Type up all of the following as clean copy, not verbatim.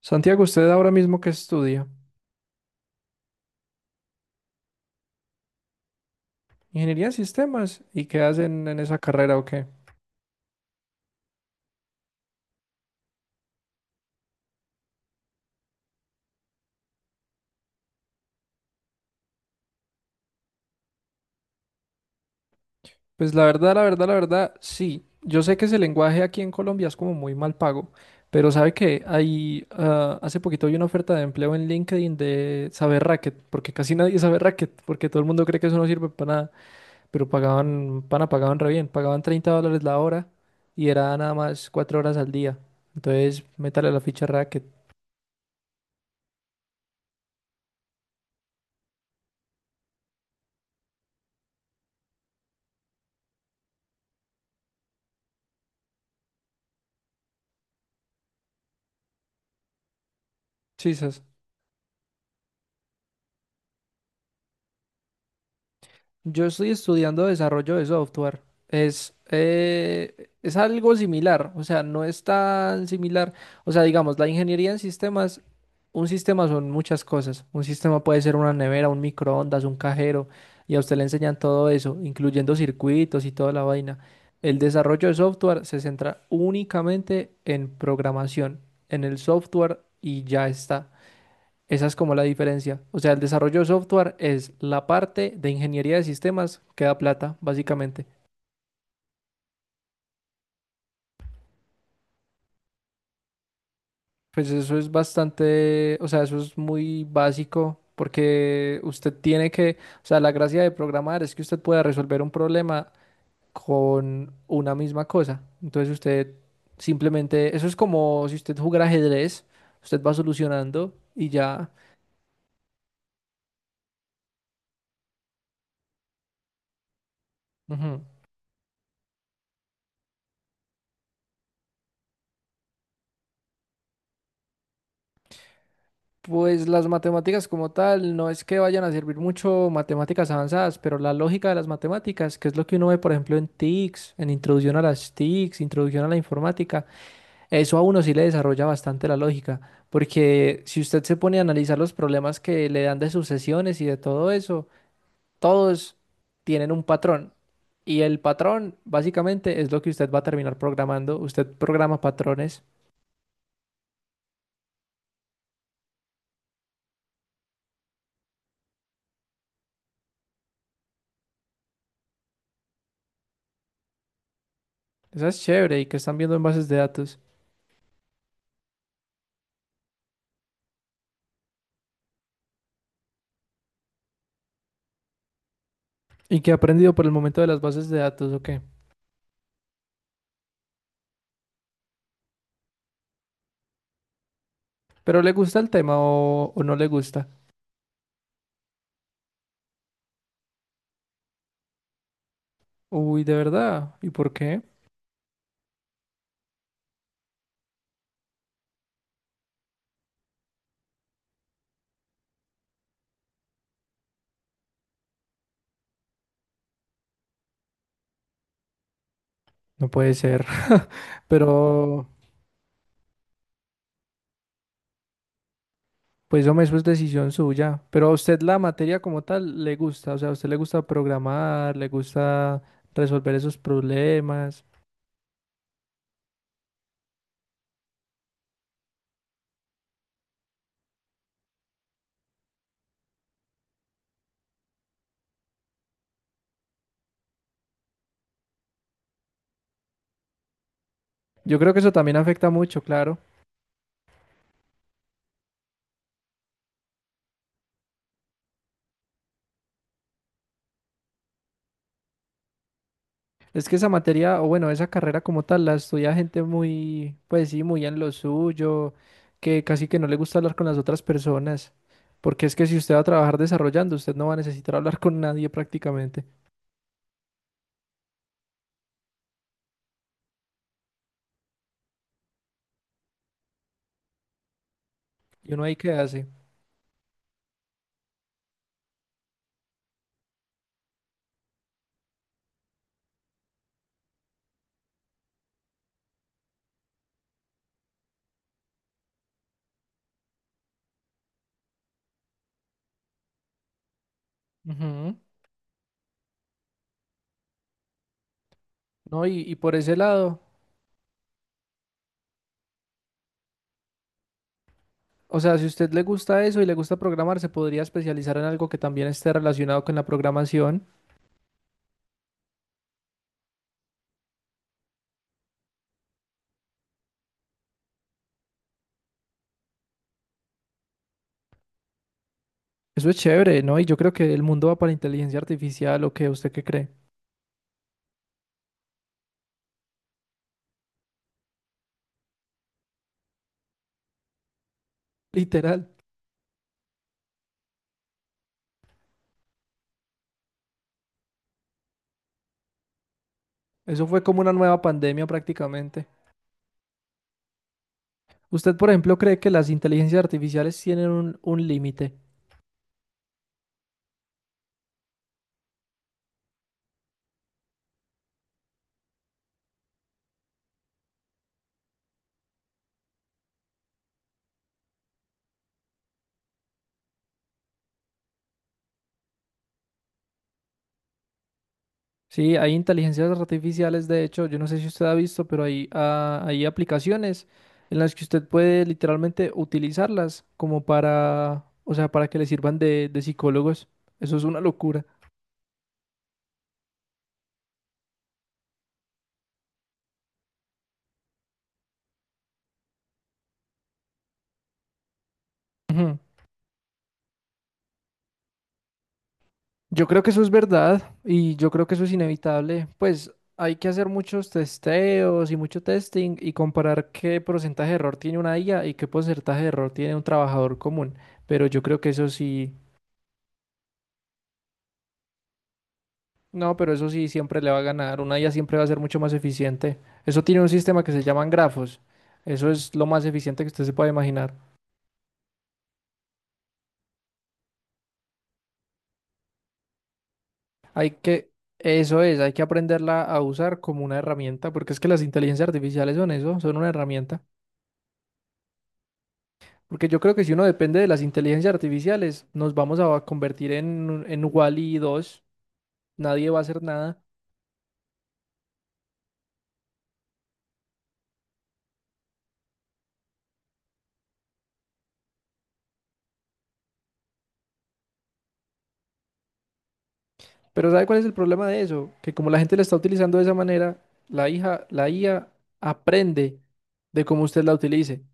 Santiago, ¿usted ahora mismo qué estudia? Ingeniería en sistemas. ¿Y qué hacen en esa carrera o qué? Pues la verdad, la verdad, la verdad, sí. Yo sé que ese lenguaje aquí en Colombia es como muy mal pago, pero sabe que hace poquito vi una oferta de empleo en LinkedIn de saber racket, porque casi nadie sabe racket, porque todo el mundo cree que eso no sirve para nada, pero pagaban, pana, pagaban re bien, pagaban $30 la hora y era nada más 4 horas al día. Entonces, métale la ficha racket. Sí, yo estoy estudiando desarrollo de software. Es algo similar, o sea, no es tan similar. O sea, digamos, la ingeniería en sistemas, un sistema son muchas cosas. Un sistema puede ser una nevera, un microondas, un cajero, y a usted le enseñan todo eso, incluyendo circuitos y toda la vaina. El desarrollo de software se centra únicamente en programación, en el software y ya está. Esa es como la diferencia. O sea, el desarrollo de software es la parte de ingeniería de sistemas que da plata, básicamente. Pues eso es bastante, o sea, eso es muy básico porque usted tiene que, o sea, la gracia de programar es que usted pueda resolver un problema con una misma cosa. Entonces usted simplemente, eso es como si usted jugara ajedrez, usted va solucionando y ya. Ujú. Pues las matemáticas como tal, no es que vayan a servir mucho matemáticas avanzadas, pero la lógica de las matemáticas, que es lo que uno ve, por ejemplo, en TICs, en introducción a las TICs, introducción a la informática, eso a uno sí le desarrolla bastante la lógica, porque si usted se pone a analizar los problemas que le dan de sucesiones y de todo eso, todos tienen un patrón, y el patrón básicamente es lo que usted va a terminar programando, usted programa patrones, eso es chévere, y que están viendo en bases de datos. Y qué ha aprendido por el momento de las bases de datos, ¿o qué? ¿Pero le gusta el tema o no le gusta? Uy, de verdad. ¿Y por qué? No puede ser. Pero, pues hombre, eso es decisión suya. Pero a usted la materia como tal le gusta. O sea, a usted le gusta programar, le gusta resolver esos problemas. Yo creo que eso también afecta mucho, claro. Es que esa materia, o bueno, esa carrera como tal, la estudia gente muy, pues sí, muy en lo suyo, que casi que no le gusta hablar con las otras personas, porque es que si usted va a trabajar desarrollando, usted no va a necesitar hablar con nadie prácticamente. Y uno ahí qué hace. Ujú. No, y por ese lado, o sea, si a usted le gusta eso y le gusta programar, se podría especializar en algo que también esté relacionado con la programación. Eso es chévere, ¿no? Y yo creo que el mundo va para inteligencia artificial, o qué usted qué cree. Literal. Eso fue como una nueva pandemia prácticamente. ¿Usted, por ejemplo, cree que las inteligencias artificiales tienen un límite? Sí, hay inteligencias artificiales, de hecho, yo no sé si usted ha visto, pero hay aplicaciones en las que usted puede literalmente utilizarlas como para, o sea, para que le sirvan de psicólogos. Eso es una locura. Ujú. Yo creo que eso es verdad y yo creo que eso es inevitable. Pues hay que hacer muchos testeos y mucho testing y comparar qué porcentaje de error tiene una IA y qué porcentaje de error tiene un trabajador común. Pero yo creo que eso sí, no, pero eso sí siempre le va a ganar. Una IA siempre va a ser mucho más eficiente. Eso tiene un sistema que se llaman grafos. Eso es lo más eficiente que usted se pueda imaginar. Hay que, eso es, hay que aprenderla a usar como una herramienta, porque es que las inteligencias artificiales son eso, son una herramienta. Porque yo creo que si uno depende de las inteligencias artificiales, nos vamos a convertir en Wall-E 2, nadie va a hacer nada. Pero ¿sabe cuál es el problema de eso? Que como la gente la está utilizando de esa manera, la hija, la IA aprende de cómo usted la utilice.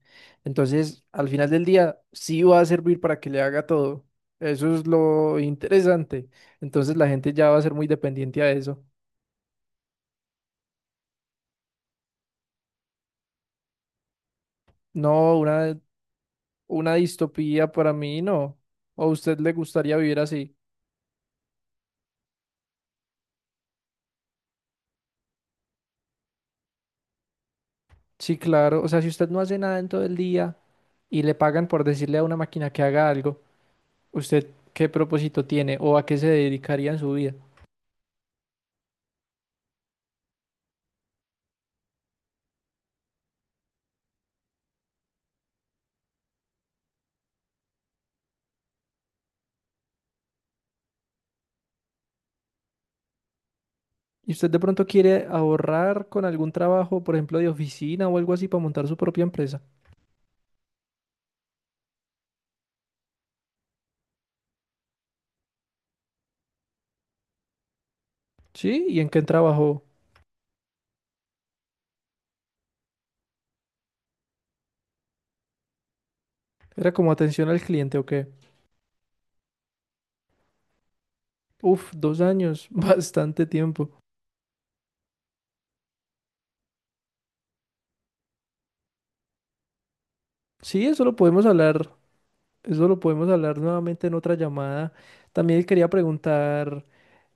Entonces, al final del día, sí va a servir para que le haga todo. Eso es lo interesante. Entonces, la gente ya va a ser muy dependiente a eso. No, una distopía para mí no. ¿O a usted le gustaría vivir así? Sí, claro. O sea, si usted no hace nada en todo el día y le pagan por decirle a una máquina que haga algo, ¿usted qué propósito tiene o a qué se dedicaría en su vida? ¿Y usted de pronto quiere ahorrar con algún trabajo, por ejemplo, de oficina o algo así para montar su propia empresa? Sí, ¿y en qué trabajó? ¿Era como atención al cliente o qué? Uf, 2 años, bastante tiempo. Sí, eso lo podemos hablar, eso lo podemos hablar nuevamente en otra llamada. También quería preguntar.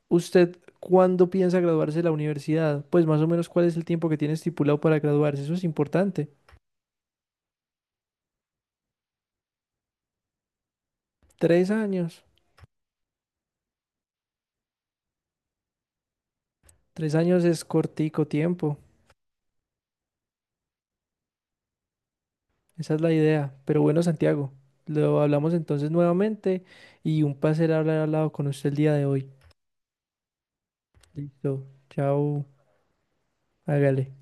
¿Usted cuándo piensa graduarse de la universidad? Pues más o menos cuál es el tiempo que tiene estipulado para graduarse. Eso es importante. 3 años. 3 años es cortico tiempo. Esa es la idea. Pero bueno, Santiago, lo hablamos entonces nuevamente y un placer hablar al lado con usted el día de hoy. Listo. Chao. Hágale.